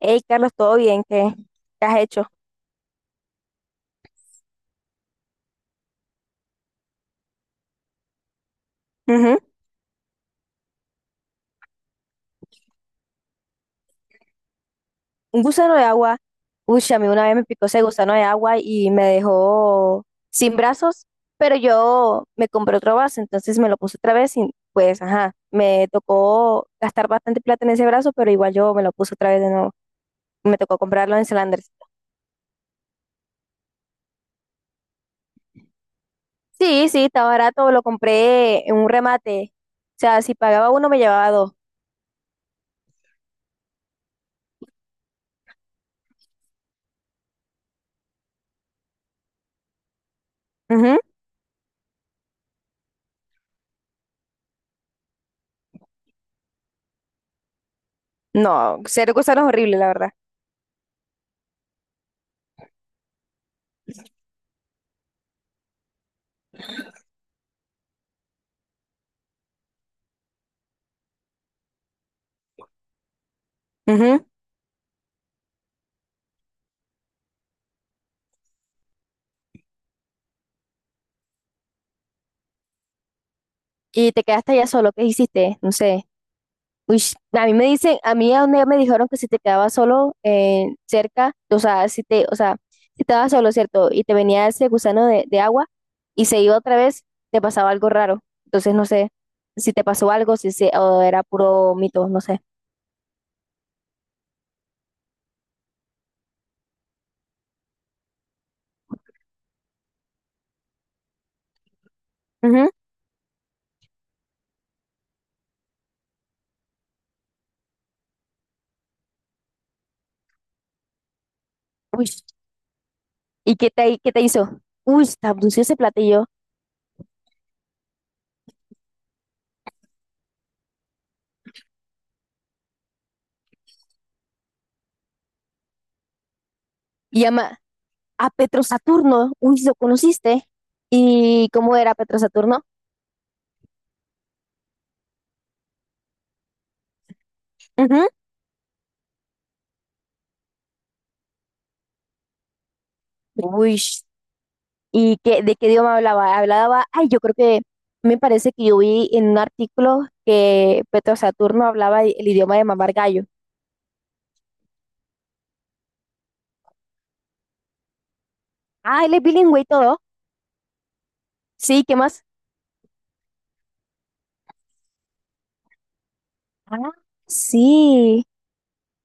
Hey, Carlos, ¿todo bien? ¿Qué has hecho? Ujú. Un gusano de agua. Uy, a mí una vez me picó ese gusano de agua y me dejó sin brazos, pero yo me compré otro brazo, entonces me lo puse otra vez y pues, ajá, me tocó gastar bastante plata en ese brazo, pero igual yo me lo puse otra vez de nuevo. Me tocó comprarlo en Selanders. Sí, sí, estaba barato, lo compré en un remate. O sea, si pagaba uno, me llevaba dos. Ujú. No, cero gusanos horrible, la verdad. Ujú. Y te quedaste allá solo, ¿qué hiciste? No sé. Uy, a mí a donde me dijeron que si te quedabas solo cerca, o sea, o sea, si estabas solo, ¿cierto? Y te venía ese gusano de agua y se iba otra vez, te pasaba algo raro. Entonces, no sé si te pasó algo, si se, o era puro mito, no sé. Ujú. Uy, ¿y qué te hizo? Uy, te abdució ese platillo. Y llama a Petro Saturno. Uy, ¿lo conociste? ¿Y cómo era Petro Saturno? Uy, ¿de qué idioma hablaba? Ay, yo creo que me parece que yo vi en un artículo que Petro Saturno hablaba el idioma de mamar gallo. Ah, él es bilingüe y todo. Sí, ¿qué más? Ah, sí.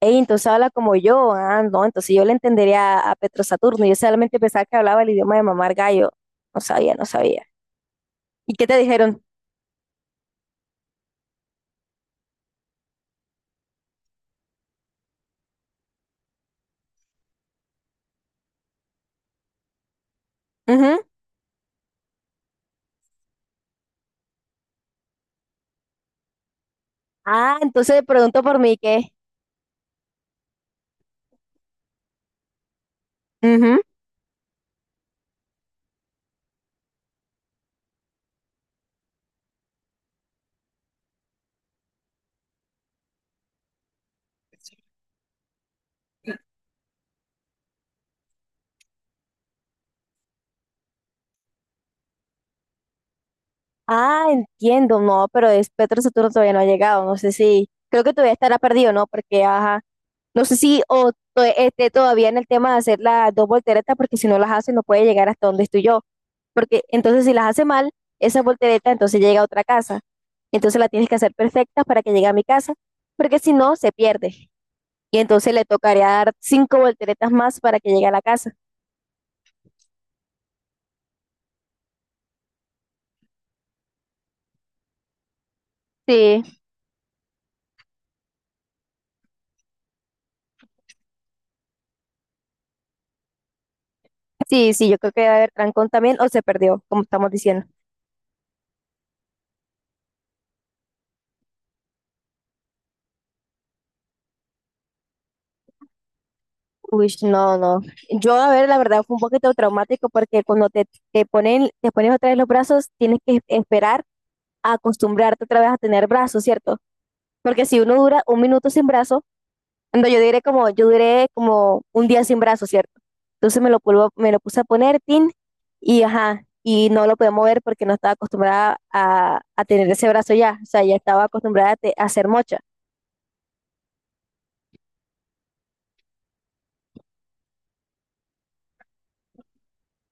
Ey, entonces habla como yo. Ah, no, entonces yo le entendería a Petro Saturno. Yo solamente pensaba que hablaba el idioma de mamar gallo. No sabía, no sabía. ¿Y qué te dijeron? Ujú. Ah, entonces pregunto por mí, ¿qué? Ah, entiendo, no, pero es Petro Saturno todavía no ha llegado, no sé si, creo que todavía estará perdido, ¿no? Porque, ajá, no sé si esté todavía en el tema de hacer las dos volteretas, porque si no las hace no puede llegar hasta donde estoy yo, porque entonces si las hace mal, esa voltereta entonces llega a otra casa, entonces la tienes que hacer perfecta para que llegue a mi casa, porque si no, se pierde, y entonces le tocaría dar cinco volteretas más para que llegue a la casa. Sí, sí, sí, yo creo que debe haber trancón también, o se perdió, como estamos diciendo. Uy, no, no. Yo, a ver, la verdad fue un poquito traumático porque cuando te pones otra vez los brazos, tienes que esperar a acostumbrarte otra vez a tener brazos, ¿cierto? Porque si uno dura un minuto sin brazo, ando, yo diré como, yo duré como un día sin brazo, ¿cierto? Entonces me lo puse a poner, tin, y ajá, y no lo podía mover porque no estaba acostumbrada a tener ese brazo ya, o sea, ya estaba acostumbrada a hacer mocha.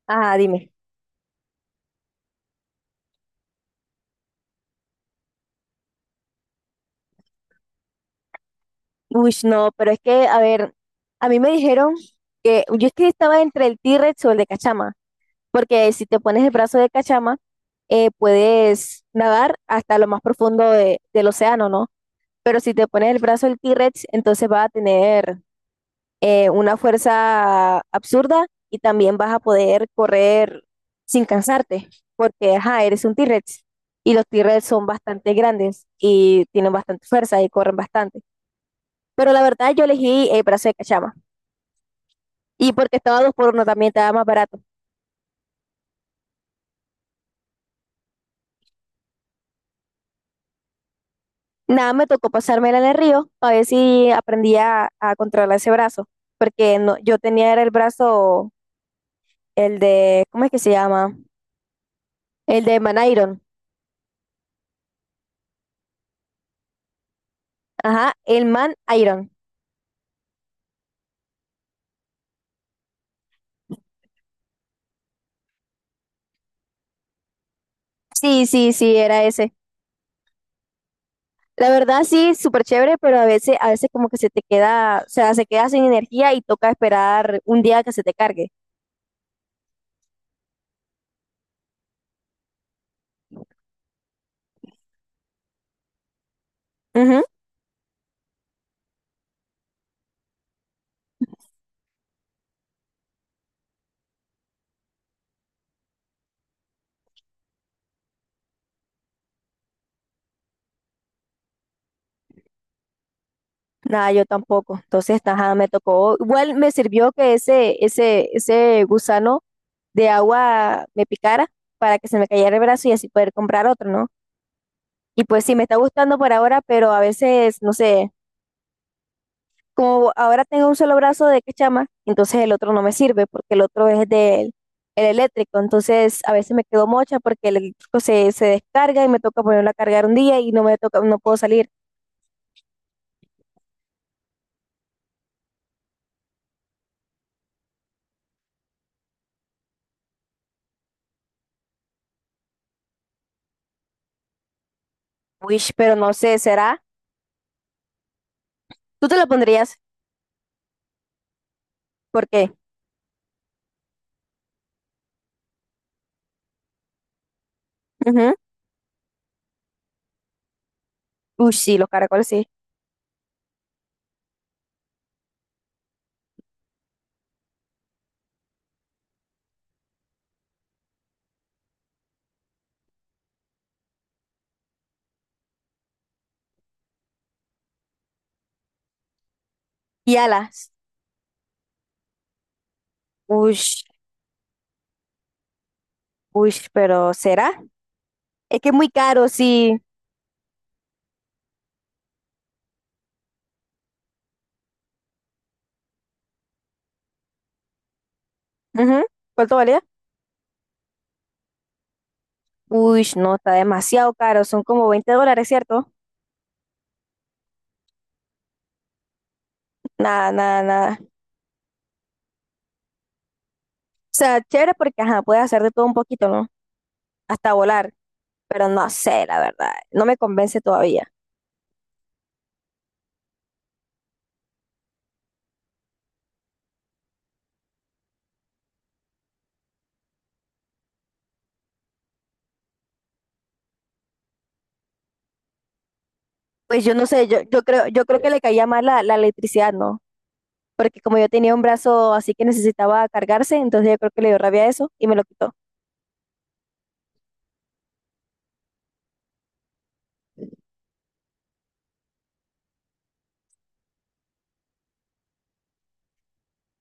Ajá, dime. Uy, no, pero es que, a ver, a mí me dijeron que yo es que estaba entre el T-Rex o el de Cachama, porque si te pones el brazo de Cachama, puedes nadar hasta lo más profundo del océano, ¿no? Pero si te pones el brazo del T-Rex, entonces vas a tener una fuerza absurda y también vas a poder correr sin cansarte, porque, ajá, eres un T-Rex y los T-Rex son bastante grandes y tienen bastante fuerza y corren bastante. Pero la verdad yo elegí el brazo de cachama. Y porque estaba dos por uno también estaba más barato. Nada, me tocó pasármela en el río a ver si aprendía a controlar ese brazo. Porque no, yo tenía era el brazo, el de, ¿cómo es que se llama? El de Man Iron. Ajá, el Man Iron. Sí, sí, sí, era ese. La verdad sí, súper chévere, pero a veces como que se te queda, o sea, se queda sin energía y toca esperar un día que se te cargue. Ujú. Nada, yo tampoco. Entonces, ajá, me tocó. Igual me sirvió que ese gusano de agua me picara para que se me cayera el brazo y así poder comprar otro, ¿no? Y pues sí, me está gustando por ahora, pero a veces, no sé, como ahora tengo un solo brazo de quechama, entonces el otro no me sirve porque el otro es del el eléctrico. Entonces, a veces me quedo mocha porque el eléctrico se descarga y me toca ponerlo a cargar un día y no me toca, no puedo salir. Wish, pero no sé, ¿será? Tú te lo pondrías, ¿por qué? Ujú. Ush, sí, los caracoles sí. Y alas. Ush, ush, pero ¿será? Es que es muy caro, sí. Ujú. ¿Cuánto valía? Ush, no, está demasiado caro. Son como 20 dólares, ¿cierto? Nada, nada, nada. O sea, chévere porque, ajá, puedes hacer de todo un poquito, ¿no? Hasta volar. Pero no sé, la verdad. No me convence todavía. Pues yo no sé, yo creo que le caía mal la electricidad, ¿no? Porque como yo tenía un brazo así que necesitaba cargarse, entonces yo creo que le dio rabia a eso y me lo quitó.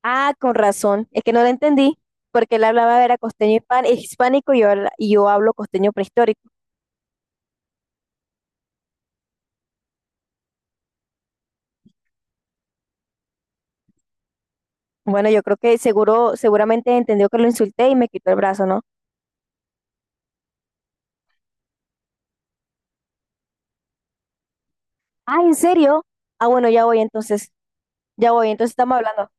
Ah, con razón. Es que no lo entendí, porque él hablaba era costeño hispánico y yo hablo costeño prehistórico. Bueno, yo creo que seguramente entendió que lo insulté y me quitó el brazo, ¿no? Ah, ¿en serio? Ah, bueno, ya voy entonces. Ya voy, entonces estamos hablando.